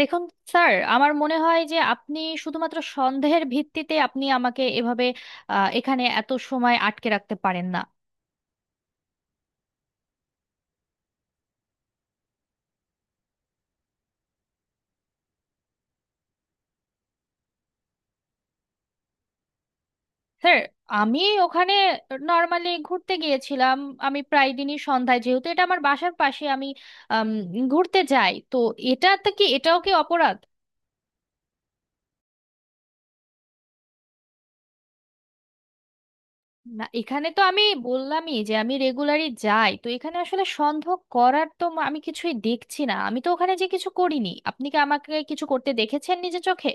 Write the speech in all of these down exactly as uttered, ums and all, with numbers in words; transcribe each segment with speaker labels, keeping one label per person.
Speaker 1: দেখুন স্যার, আমার মনে হয় যে আপনি শুধুমাত্র সন্দেহের ভিত্তিতে আপনি আমাকে এভাবে আহ, এখানে এত সময় আটকে রাখতে পারেন না। স্যার, আমি ওখানে নর্মালি ঘুরতে গিয়েছিলাম। আমি প্রায় দিনই সন্ধ্যায়, যেহেতু এটা আমার বাসার পাশে, আমি আম, ঘুরতে যাই তো। এটাতে কি, এটাও কি অপরাধ? না, এখানে তো আমি বললামই যে আমি রেগুলারই যাই তো এখানে, আসলে সন্দেহ করার তো ম- আমি কিছুই দেখছি না। আমি তো ওখানে যে কিছু করিনি, আপনি কি আমাকে কিছু করতে দেখেছেন নিজের চোখে?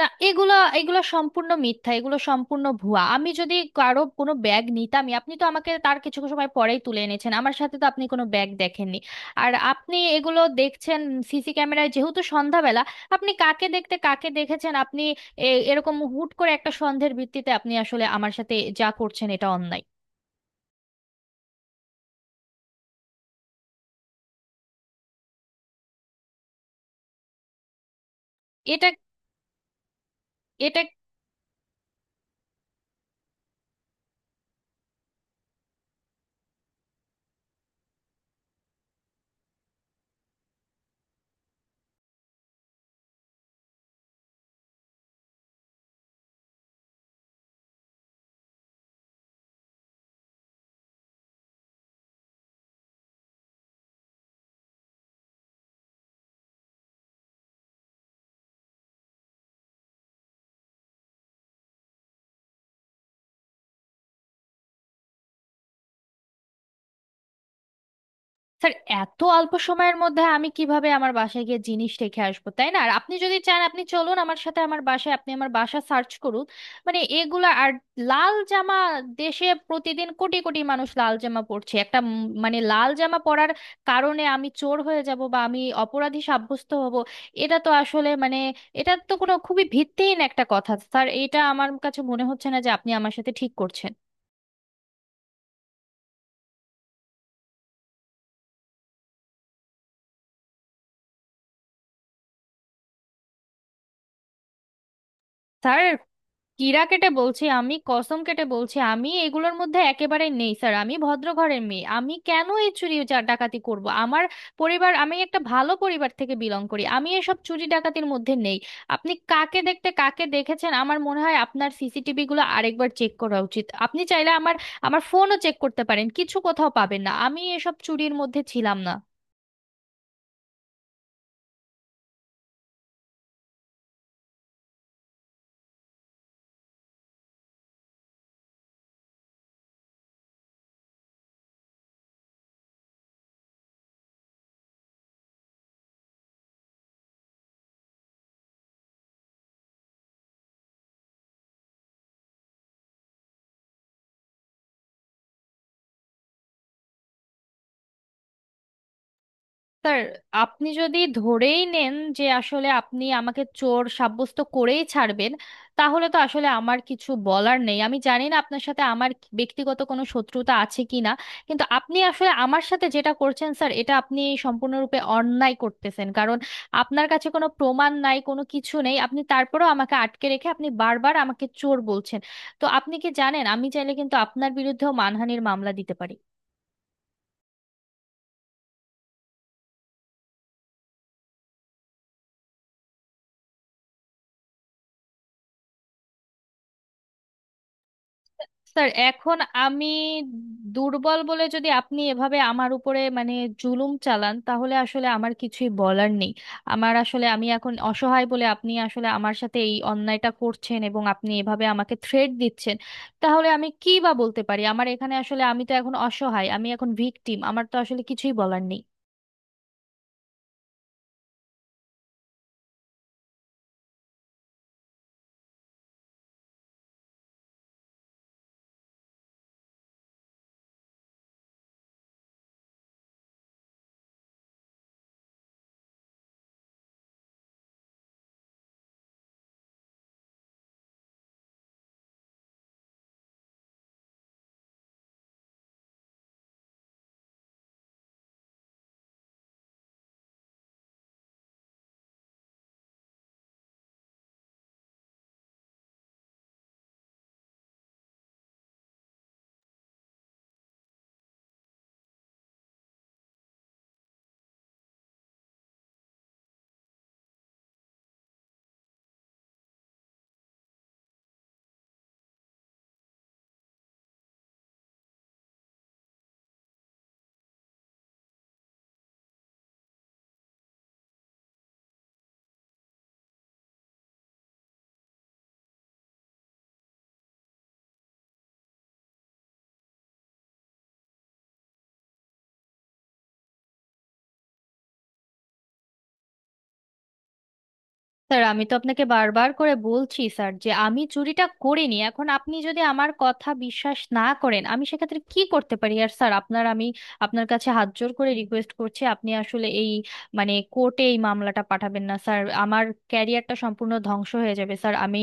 Speaker 1: না, এগুলা এগুলা সম্পূর্ণ মিথ্যা, এগুলো সম্পূর্ণ ভুয়া। আমি যদি কারো কোনো ব্যাগ নিতামই, আপনি তো আমাকে তার কিছু সময় পরেই তুলে এনেছেন, আমার সাথে তো আপনি কোনো ব্যাগ দেখেননি। আর আপনি এগুলো দেখছেন সিসি ক্যামেরায়, যেহেতু সন্ধ্যাবেলা, আপনি কাকে দেখতে কাকে দেখেছেন আপনি? এ- এরকম হুট করে একটা সন্দেহের ভিত্তিতে আপনি আসলে আমার সাথে যা করছেন এটা অন্যায়। এটা এটা স্যার, এত অল্প সময়ের মধ্যে আমি কিভাবে আমার বাসায় গিয়ে জিনিস রেখে আসবো, তাই না? আর আপনি যদি চান আপনি চলুন আমার সাথে আমার বাসায়, আপনি আমার বাসা সার্চ করুন। মানে এগুলা আর লাল জামা, দেশে প্রতিদিন কোটি কোটি মানুষ লাল জামা পরছে। একটা উম মানে লাল জামা পরার কারণে আমি চোর হয়ে যাব বা আমি অপরাধী সাব্যস্ত হব, এটা তো আসলে মানে এটা তো কোনো, খুবই ভিত্তিহীন একটা কথা স্যার। এটা আমার কাছে মনে হচ্ছে না যে আপনি আমার সাথে ঠিক করছেন। স্যার, কিরা কেটে বলছি, আমি কসম কেটে বলছি আমি এগুলোর মধ্যে একেবারে নেই স্যার। আমি ভদ্র ঘরের মেয়ে, আমি কেন এই চুরি চা- ডাকাতি করব? আমার পরিবার, আমি একটা ভালো পরিবার থেকে বিলং করি, আমি এসব চুরি ডাকাতির মধ্যে নেই। আপনি কাকে দেখতে কাকে দেখেছেন, আমার মনে হয় আপনার সিসিটিভি গুলো আরেকবার চেক করা উচিত। আপনি চাইলে আমার, আমার ফোনও চেক করতে পারেন, কিছু কোথাও পাবেন না। আমি এসব চুরির মধ্যে ছিলাম না। স্যার, আপনি যদি ধরেই নেন যে আসলে আপনি আমাকে চোর সাব্যস্ত করেই ছাড়বেন, তাহলে তো আসলে আমার কিছু বলার নেই। আমি জানি না আপনার সাথে আমার ব্যক্তিগত কোনো শত্রুতা আছে কিনা, কিন্তু আপনি আসলে আমার সাথে যেটা করছেন স্যার, এটা আপনি সম্পূর্ণরূপে অন্যায় করতেছেন। কারণ আপনার কাছে কোনো প্রমাণ নাই, কোনো কিছু নেই, আপনি তারপরেও আমাকে আটকে রেখে আপনি বারবার আমাকে চোর বলছেন। তো আপনি কি জানেন, আমি চাইলে কিন্তু আপনার বিরুদ্ধেও মানহানির মামলা দিতে পারি। স্যার এখন, আমি দুর্বল বলে যদি আপনি এভাবে আমার উপরে মানে জুলুম চালান, তাহলে আসলে আমার কিছুই বলার নেই। আমার আসলে, আমি এখন অসহায় বলে আপনি আসলে আমার সাথে এই অন্যায়টা করছেন এবং আপনি এভাবে আমাকে থ্রেট দিচ্ছেন, তাহলে আমি কি বা বলতে পারি? আমার এখানে আসলে, আমি তো এখন অসহায়, আমি এখন ভিকটিম, আমার তো আসলে কিছুই বলার নেই। স্যার আমি তো আপনাকে বারবার করে বলছি স্যার, যে আমি চুরিটা করিনি। এখন আপনি যদি আমার কথা বিশ্বাস না করেন, আমি সেক্ষেত্রে কি করতে পারি? আর স্যার, আপনার আমি, আপনার কাছে হাত জোর করে রিকোয়েস্ট করছি, আপনি আসলে এই মানে কোর্টে এই মামলাটা পাঠাবেন না স্যার। আমার ক্যারিয়ারটা সম্পূর্ণ ধ্বংস হয়ে যাবে স্যার। আমি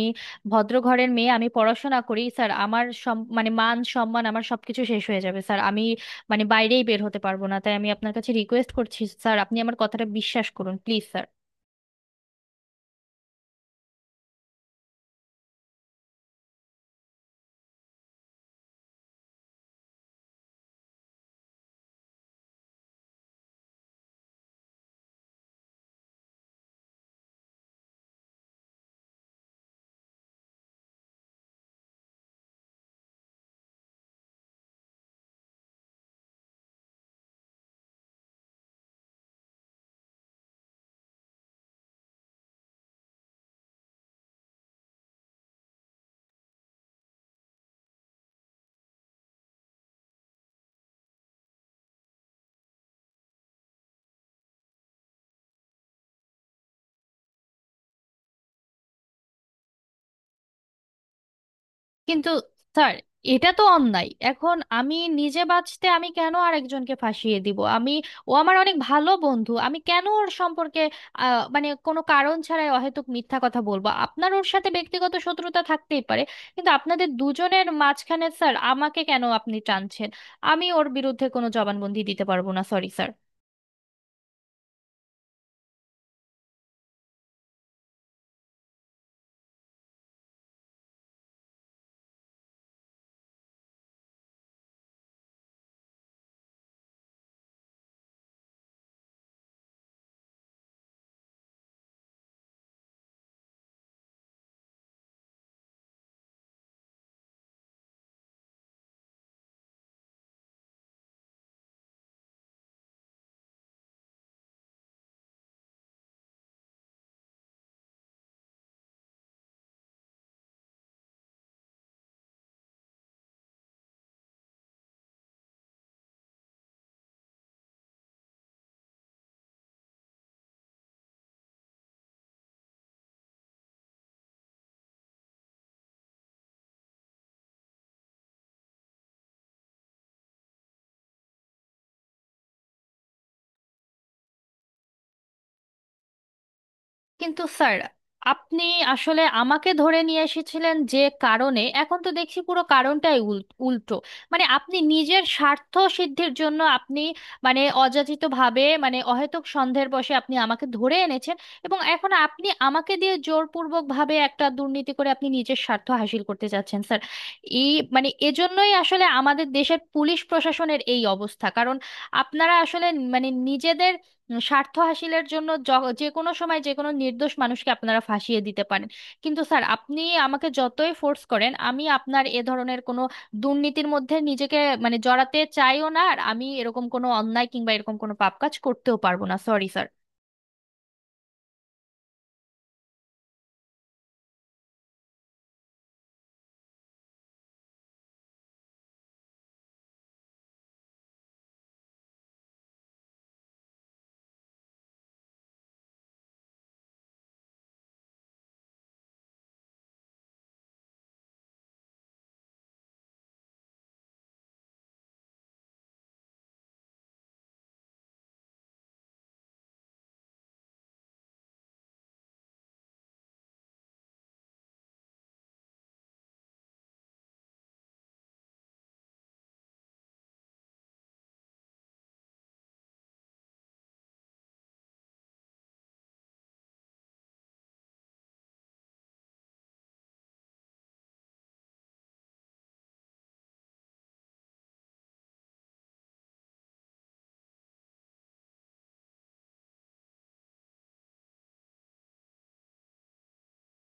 Speaker 1: ভদ্র ঘরের মেয়ে, আমি পড়াশোনা করি স্যার। আমার সম- মানে মান সম্মান, আমার সবকিছু শেষ হয়ে যাবে স্যার। আমি মানে বাইরেই বের হতে পারবো না। তাই আমি আপনার কাছে রিকোয়েস্ট করছি স্যার, আপনি আমার কথাটা বিশ্বাস করুন প্লিজ স্যার। কিন্তু স্যার, এটা তো অন্যায়। এখন আমি নিজে বাঁচতে আমি কেন আরেকজনকে ফাঁসিয়ে দিব? আমি, ও আমার অনেক ভালো বন্ধু, আমি কেন ওর সম্পর্কে আহ, মানে কোনো কারণ ছাড়াই অহেতুক মিথ্যা কথা বলবো? আপনার ওর সাথে ব্যক্তিগত শত্রুতা থাকতেই পারে, কিন্তু আপনাদের দুজনের মাঝখানে স্যার আমাকে কেন আপনি টানছেন? আমি ওর বিরুদ্ধে কোনো জবানবন্দি দিতে পারবো না, সরি স্যার। কিন্তু স্যার, আপনি আসলে আমাকে ধরে নিয়ে এসেছিলেন যে কারণে, এখন তো দেখছি পুরো কারণটাই উল- উল্টো। মানে আপনি নিজের স্বার্থ সিদ্ধির জন্য আপনি মানে অযাচিতভাবে, মানে অহেতুক সন্দেহের বশে আপনি আমাকে ধরে এনেছেন এবং এখন আপনি আমাকে দিয়ে জোরপূর্বকভাবে একটা দুর্নীতি করে আপনি নিজের স্বার্থ হাসিল করতে চাচ্ছেন স্যার। এই মানে এজন্যই আসলে আমাদের দেশের পুলিশ প্রশাসনের এই অবস্থা। কারণ আপনারা আসলে মানে নিজেদের উম, স্বার্থ হাসিলের জন্য য- যে কোনো সময় যে কোনো নির্দোষ মানুষকে আপনারা ফাঁসিয়ে দিতে পারেন। কিন্তু স্যার, আপনি আমাকে যতই ফোর্স করেন, আমি আপনার এ ধরনের কোনো দুর্নীতির মধ্যে নিজেকে মানে জড়াতে চাইও না। আর আমি এরকম কোনো অন্যায় কিংবা এরকম কোনো পাপ কাজ করতেও পারবো না, সরি স্যার।